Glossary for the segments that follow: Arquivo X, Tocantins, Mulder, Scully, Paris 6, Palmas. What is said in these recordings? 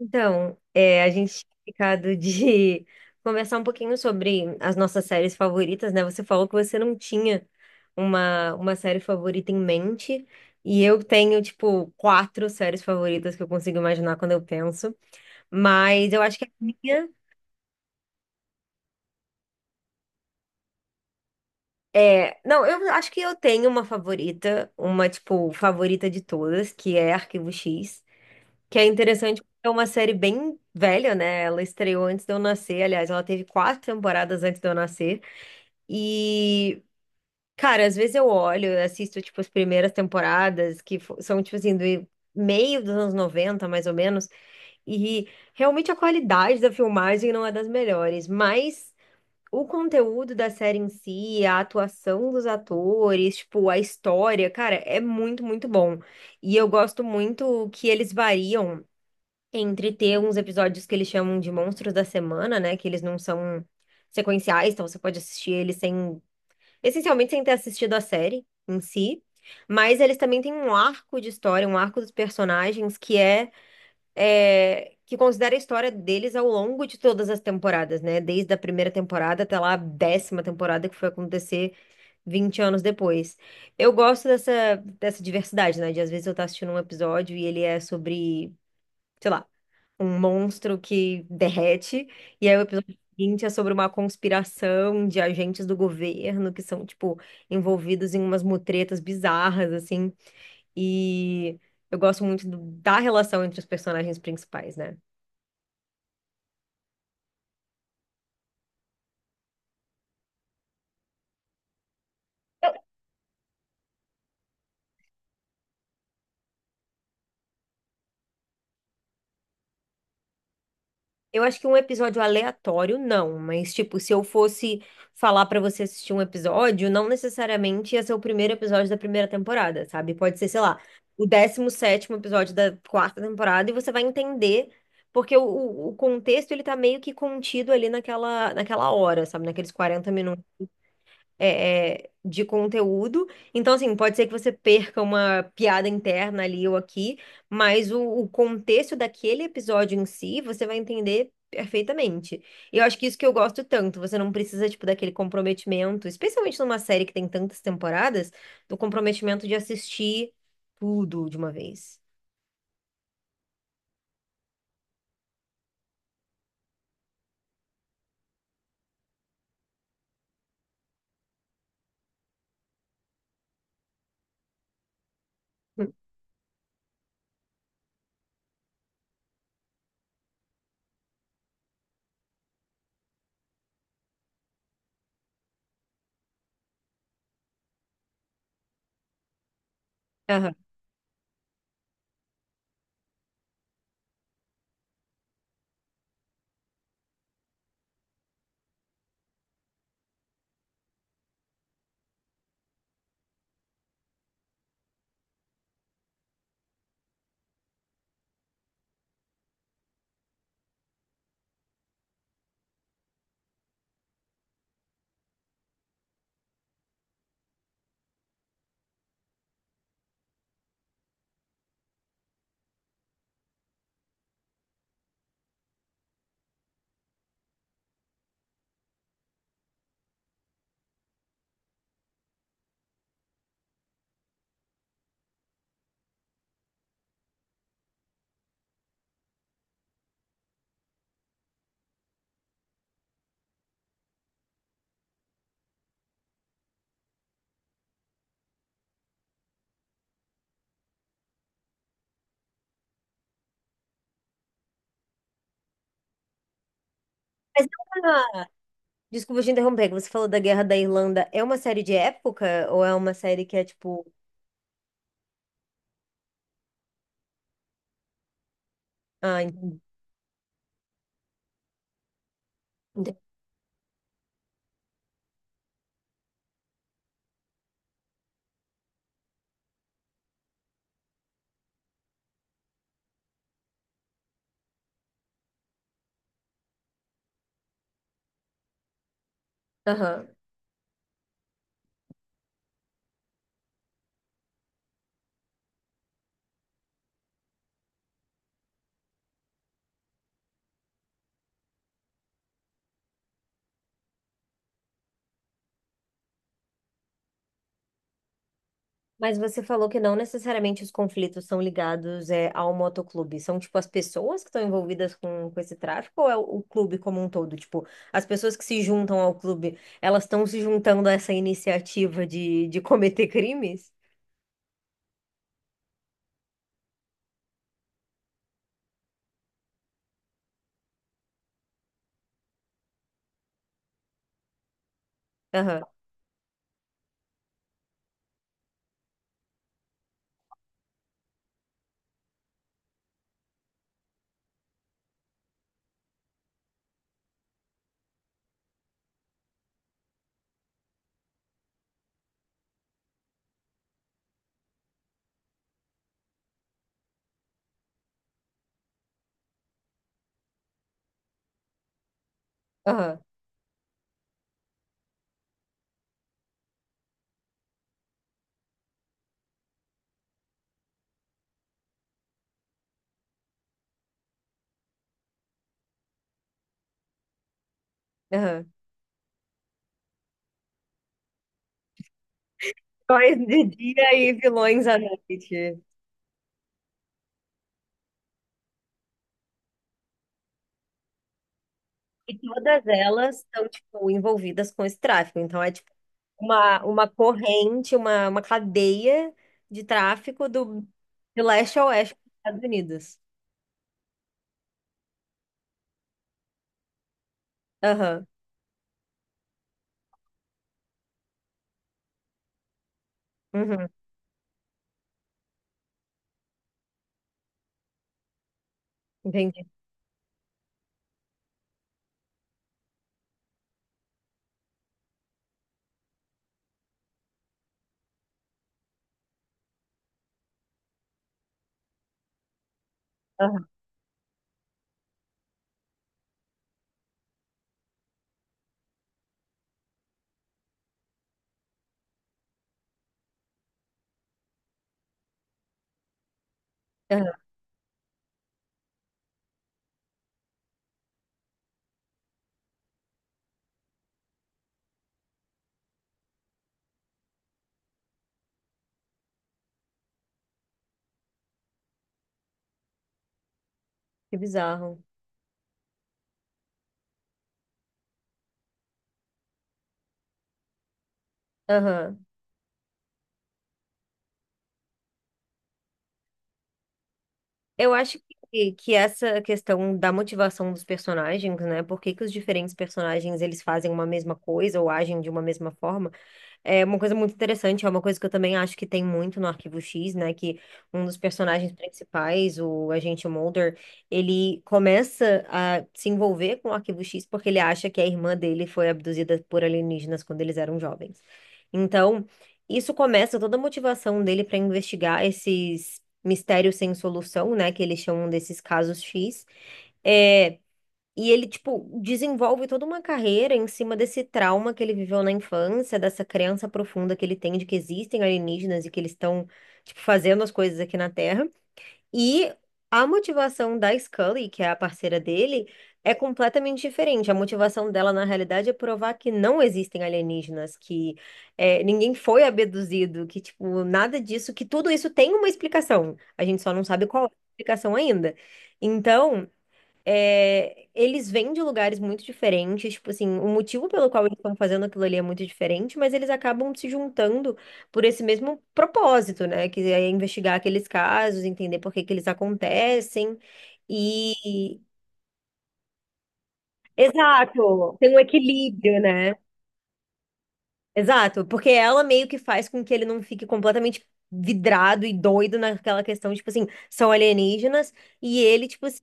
Então, é, a gente tinha ficado de conversar um pouquinho sobre as nossas séries favoritas, né? Você falou que você não tinha uma série favorita em mente, e eu tenho, tipo, quatro séries favoritas que eu consigo imaginar quando eu penso, mas eu acho que a minha Não, eu acho que eu tenho uma favorita, uma, tipo, favorita de todas, que é Arquivo X, que é interessante. Porque é uma série bem velha, né? Ela estreou antes de eu nascer. Aliás, ela teve quatro temporadas antes de eu nascer. E, cara, às vezes eu olho, eu assisto, tipo, as primeiras temporadas, que são, tipo assim, do meio dos anos 90 mais ou menos, e realmente a qualidade da filmagem não é das melhores, mas o conteúdo da série em si, a atuação dos atores, tipo, a história, cara, é muito, muito bom. E eu gosto muito que eles variam entre ter uns episódios que eles chamam de monstros da semana, né, que eles não são sequenciais, então você pode assistir eles sem essencialmente sem ter assistido a série em si, mas eles também têm um arco de história, um arco dos personagens que é, é, que considera a história deles ao longo de todas as temporadas, né? Desde a primeira temporada até lá a 10ª temporada que foi acontecer 20 anos depois. Eu gosto dessa diversidade, né? De às vezes eu estar assistindo um episódio e ele é sobre sei lá, um monstro que derrete. E aí o episódio seguinte é sobre uma conspiração de agentes do governo que são, tipo, envolvidos em umas mutretas bizarras, assim. E eu gosto muito da relação entre os personagens principais, né? Eu acho que um episódio aleatório, não, mas tipo, se eu fosse falar pra você assistir um episódio, não necessariamente ia ser o primeiro episódio da primeira temporada, sabe? Pode ser, sei lá, o 17º episódio da quarta temporada e você vai entender, porque o contexto ele tá meio que contido ali naquela hora, sabe? Naqueles 40 minutos de conteúdo. Então, assim, pode ser que você perca uma piada interna ali ou aqui, mas o contexto daquele episódio em si, você vai entender perfeitamente. E eu acho que isso que eu gosto tanto, você não precisa, tipo, daquele comprometimento, especialmente numa série que tem tantas temporadas, do comprometimento de assistir tudo de uma vez. Hum, aham. Mas é uma- Desculpa te interromper, que você falou da Guerra da Irlanda. É uma série de época ou é uma série que é tipo. Ah, entendi. Entendi. Aham. Mas você falou que não necessariamente os conflitos são ligados é, ao motoclube. São, tipo, as pessoas que estão envolvidas com esse tráfico ou é o clube como um todo? Tipo, as pessoas que se juntam ao clube, elas estão se juntando a essa iniciativa de cometer crimes? Aham, aham, aham. Heróis de dia e vilões à noite. E todas elas estão, tipo, envolvidas com esse tráfico. Então, é, uma corrente, uma cadeia de tráfico do, de leste a oeste dos Estados Unidos. Aham, uhum, entendi. Aham, aham, que bizarro. Aham. Eu acho que essa questão da motivação dos personagens, né? Por que que os diferentes personagens eles fazem uma mesma coisa ou agem de uma mesma forma? É uma coisa muito interessante, é uma coisa que eu também acho que tem muito no Arquivo X, né? Que um dos personagens principais, o agente Mulder, ele começa a se envolver com o Arquivo X porque ele acha que a irmã dele foi abduzida por alienígenas quando eles eram jovens. Então, isso começa toda a motivação dele para investigar esses mistérios sem solução, né? Que eles chamam desses casos X. é e ele, tipo, desenvolve toda uma carreira em cima desse trauma que ele viveu na infância, dessa crença profunda que ele tem de que existem alienígenas e que eles estão, tipo, fazendo as coisas aqui na Terra. E a motivação da Scully, que é a parceira dele, é completamente diferente. A motivação dela, na realidade, é provar que não existem alienígenas, que ninguém foi abduzido, que, tipo, nada disso, que tudo isso tem uma explicação. A gente só não sabe qual é a explicação ainda. Então. É, eles vêm de lugares muito diferentes, tipo assim, o motivo pelo qual eles estão fazendo aquilo ali é muito diferente, mas eles acabam se juntando por esse mesmo propósito, né? Que é investigar aqueles casos, entender por que que eles acontecem e... Exato, tem um equilíbrio, né? Exato, porque ela meio que faz com que ele não fique completamente vidrado e doido naquela questão, tipo assim, são alienígenas, e ele, tipo assim,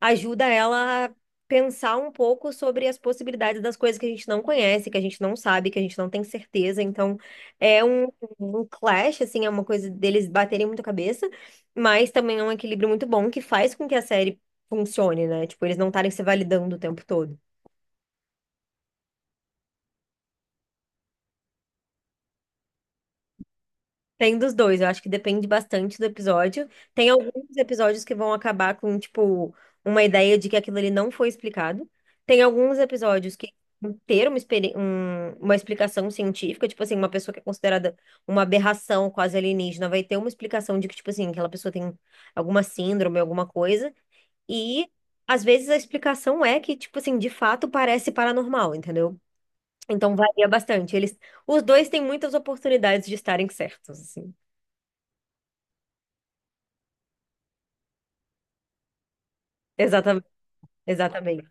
ajuda ela a pensar um pouco sobre as possibilidades das coisas que a gente não conhece, que a gente não sabe, que a gente não tem certeza. Então, é um clash, assim, é uma coisa deles baterem muito a cabeça, mas também é um equilíbrio muito bom que faz com que a série funcione, né? Tipo, eles não estarem se validando o tempo todo. Tem dos dois, eu acho que depende bastante do episódio. Tem alguns episódios que vão acabar com, tipo, uma ideia de que aquilo ali não foi explicado. Tem alguns episódios que vão ter uma, uma explicação científica, tipo assim, uma pessoa que é considerada uma aberração quase alienígena vai ter uma explicação de que, tipo assim, aquela pessoa tem alguma síndrome, alguma coisa. E às vezes a explicação é que, tipo assim, de fato parece paranormal, entendeu? Então varia bastante. Eles, os dois têm muitas oportunidades de estarem certos, assim. Exatamente, exatamente.